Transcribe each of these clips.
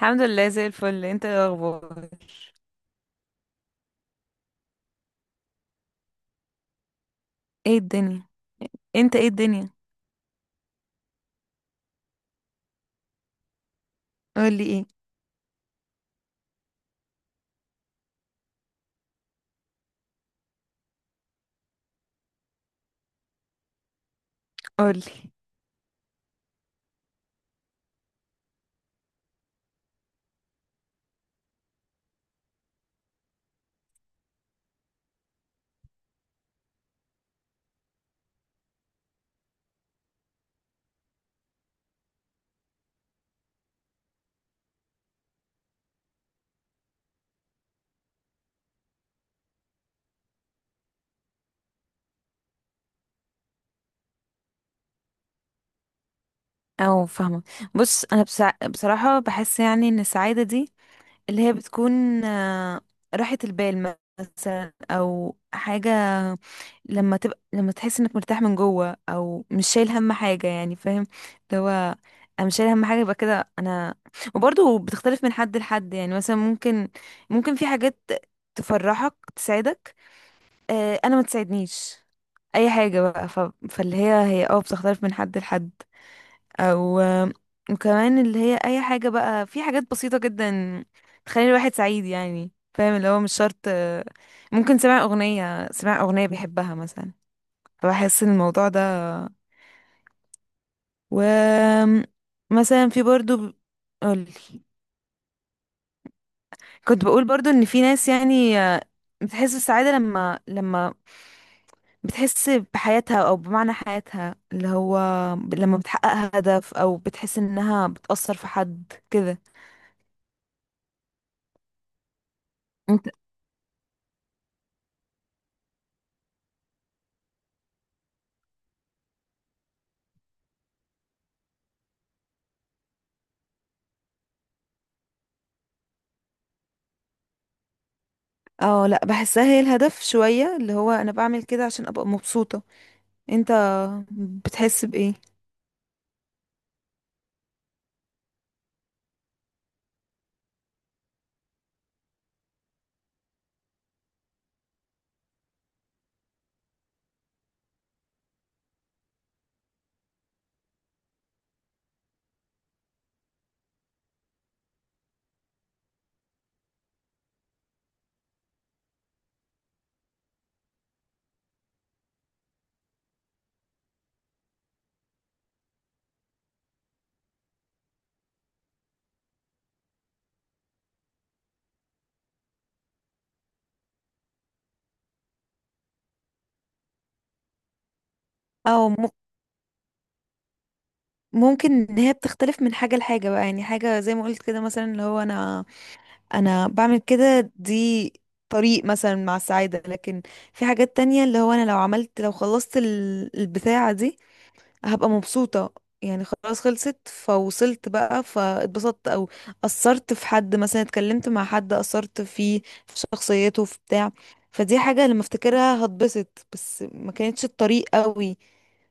الحمد لله زي الفل. انت ايه الاخبار؟ ايه الدنيا؟ انت ايه الدنيا؟ قولي ايه. قولي. فاهمه. بص انا بصراحه بحس يعني ان السعاده دي اللي هي بتكون راحه البال مثلا، او حاجه لما تبقى، تحس انك مرتاح من جوه او مش شايل هم حاجه، يعني فاهم؟ اللي هو انا مش شايل هم حاجه، يبقى كده انا. وبرضه بتختلف من حد لحد. يعني مثلا ممكن، في حاجات تفرحك، تسعدك. انا ما تساعدنيش اي حاجه بقى. فاللي هي اه بتختلف من حد لحد. او آه، وكمان اللي هي اي حاجه بقى. في حاجات بسيطه جدا تخلي الواحد سعيد. يعني فاهم اللي هو مش شرط، ممكن سمع اغنيه، سمع اغنيه بيحبها مثلا. فبحس ان الموضوع ده، و مثلا في برضو. قولي. كنت بقول برضو ان في ناس يعني، بتحس بالسعاده لما بتحس بحياتها او بمعنى حياتها، اللي هو لما بتحقق هدف او بتحس انها بتأثر في حد كده. انت. اه لا، بحسها هي الهدف شوية. اللي هو انا بعمل كده عشان ابقى مبسوطة. انت بتحس بايه؟ او م- ممكن ان هي بتختلف من حاجة لحاجة بقى. يعني حاجة زي ما قلت كده، مثلا اللي هو انا بعمل كده، دي طريق مثلا مع السعادة. لكن في حاجات تانية، اللي هو انا لو عملت، لو خلصت البتاعة دي هبقى مبسوطة. يعني خلاص خلصت فوصلت بقى، فاتبسطت. او اثرت في حد مثلا، اتكلمت مع حد، اثرت فيه في شخصيته في بتاع. فدي حاجة لما افتكرها هتبسط، بس ما كانتش الطريق قوي.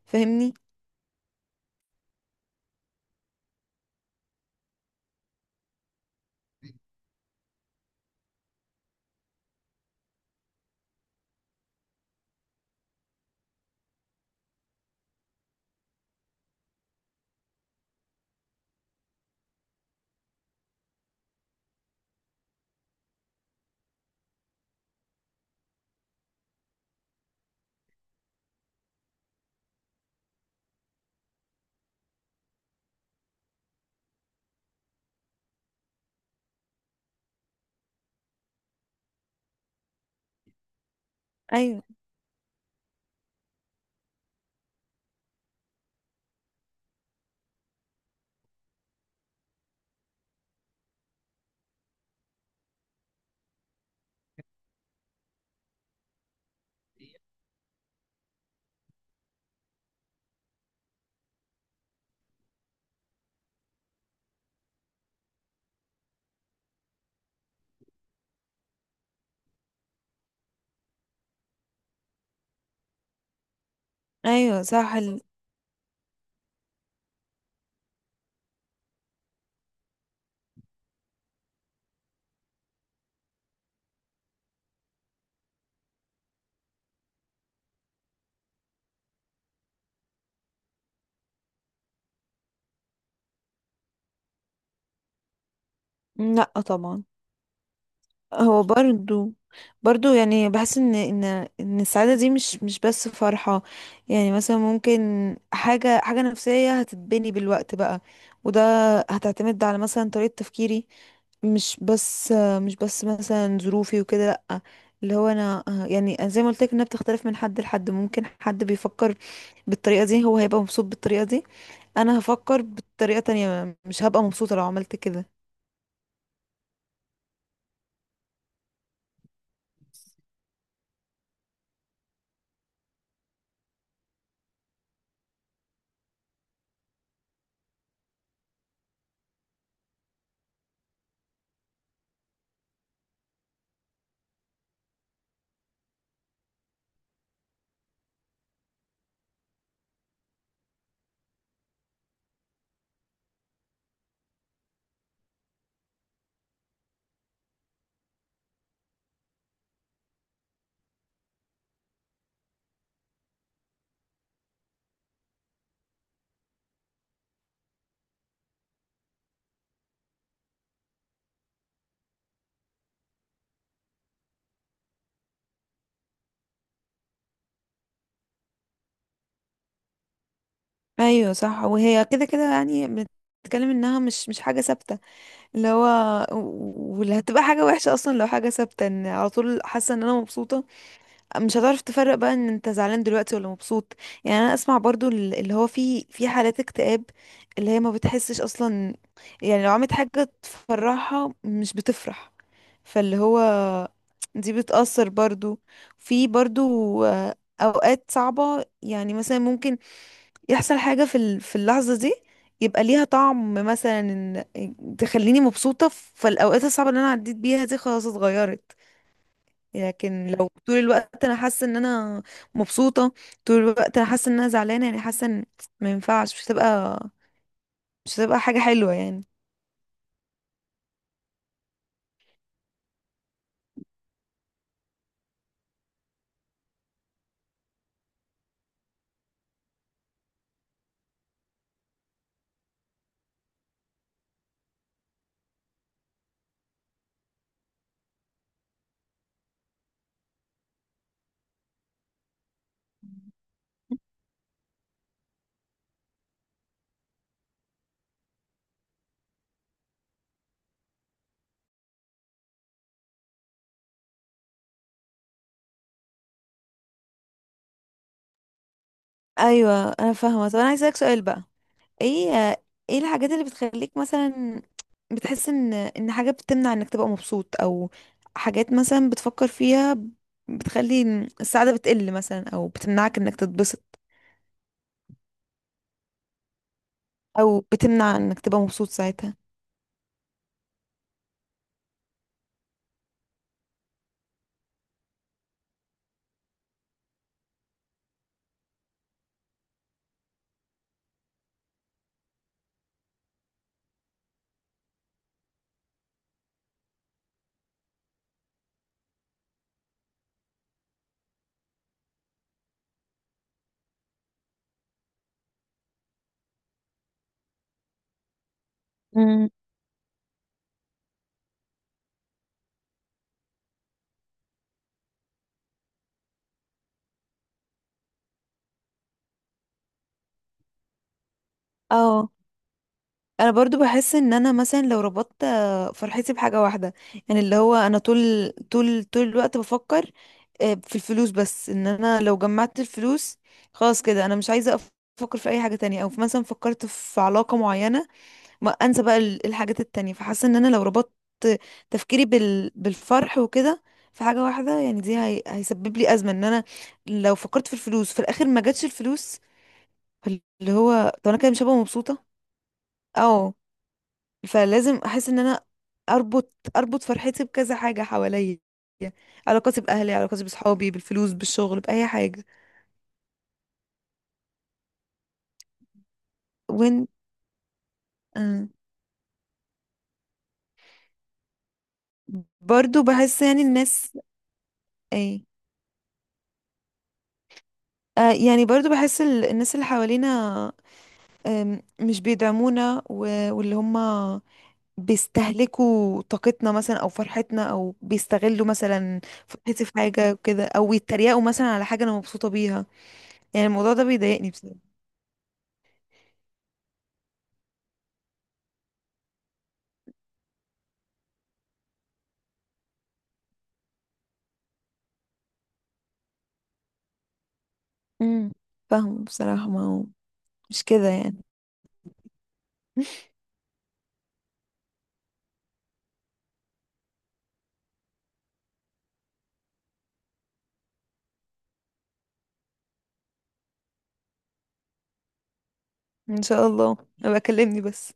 فاهمني؟ ايوه. ايوه صح لا طبعا. هو برضو برضو يعني بحس ان ان السعاده دي مش بس فرحه. يعني مثلا ممكن حاجه نفسيه هتتبني بالوقت بقى. وده هتعتمد على مثلا طريقه تفكيري، مش بس، مثلا ظروفي وكده لأ. اللي هو انا، يعني أنا زي ما قلت لك انها بتختلف من حد لحد. ممكن حد بيفكر بالطريقه دي، هو هيبقى مبسوط بالطريقه دي. انا هفكر بطريقه تانية، مش هبقى مبسوطه لو عملت كده. ايوه صح. وهي كده كده يعني، بتتكلم انها مش حاجه ثابته. اللي هو واللي هتبقى حاجه وحشه اصلا لو حاجه ثابته، ان على طول حاسه ان انا مبسوطه. مش هتعرف تفرق بقى ان انت زعلان دلوقتي ولا مبسوط. يعني انا اسمع برضو اللي هو في، في حالات اكتئاب اللي هي ما بتحسش اصلا. يعني لو عملت حاجه تفرحها مش بتفرح. فاللي هو دي بتأثر برضو. في برضو، اوقات صعبه. يعني مثلا ممكن يحصل حاجة في في اللحظة دي يبقى ليها طعم مثلا، تخليني مبسوطة، فالأوقات الصعبة اللي أنا عديت بيها دي خلاص اتغيرت. لكن لو طول الوقت أنا حاسة إن أنا مبسوطة، طول الوقت أنا حاسة إن أنا زعلانة، يعني حاسة إن ما ينفعش. مش هتبقى، حاجة حلوة يعني. أيوة أنا فاهمة. طب أنا عايزة أسألك سؤال بقى. ايه، ايه الحاجات اللي بتخليك مثلا بتحس ان حاجة بتمنع انك تبقى مبسوط؟ او حاجات مثلا بتفكر فيها بتخلي السعادة بتقل مثلا، او بتمنعك انك تتبسط او بتمنع انك تبقى مبسوط ساعتها؟ مم. اه، انا برضو بحس ان انا مثلا لو ربطت، فرحتي بحاجه واحده. يعني اللي هو انا طول، طول الوقت بفكر في الفلوس بس، ان انا لو جمعت الفلوس خلاص كده انا مش عايزه افكر في اي حاجه تانية. او في مثلا فكرت في علاقه معينه، ما انسى بقى الحاجات التانية. فحاسه ان انا لو ربطت تفكيري بالفرح وكده في حاجه واحده، يعني هيسبب لي ازمه. ان انا لو فكرت في الفلوس في الاخر ما جاتش الفلوس، اللي هو طب انا كده مش هبقى مبسوطه. فلازم احس ان انا اربط، فرحتي بكذا حاجه حواليا: علاقاتي باهلي، علاقاتي بصحابي، بالفلوس، بالشغل، باي حاجه. وين. آه. برضو بحس يعني الناس، ايه؟ آه، يعني برضو بحس الناس اللي حوالينا، مش بيدعمونا. واللي هم بيستهلكوا طاقتنا مثلا، او فرحتنا، او بيستغلوا مثلا فرحتي في حاجه وكده، او يتريقوا مثلا على حاجه انا مبسوطه بيها. يعني الموضوع ده بيضايقني بصراحه. امم فاهمه بصراحه. ما هو مش كده يعني. ان شاء الله. ابقى كلمني بس.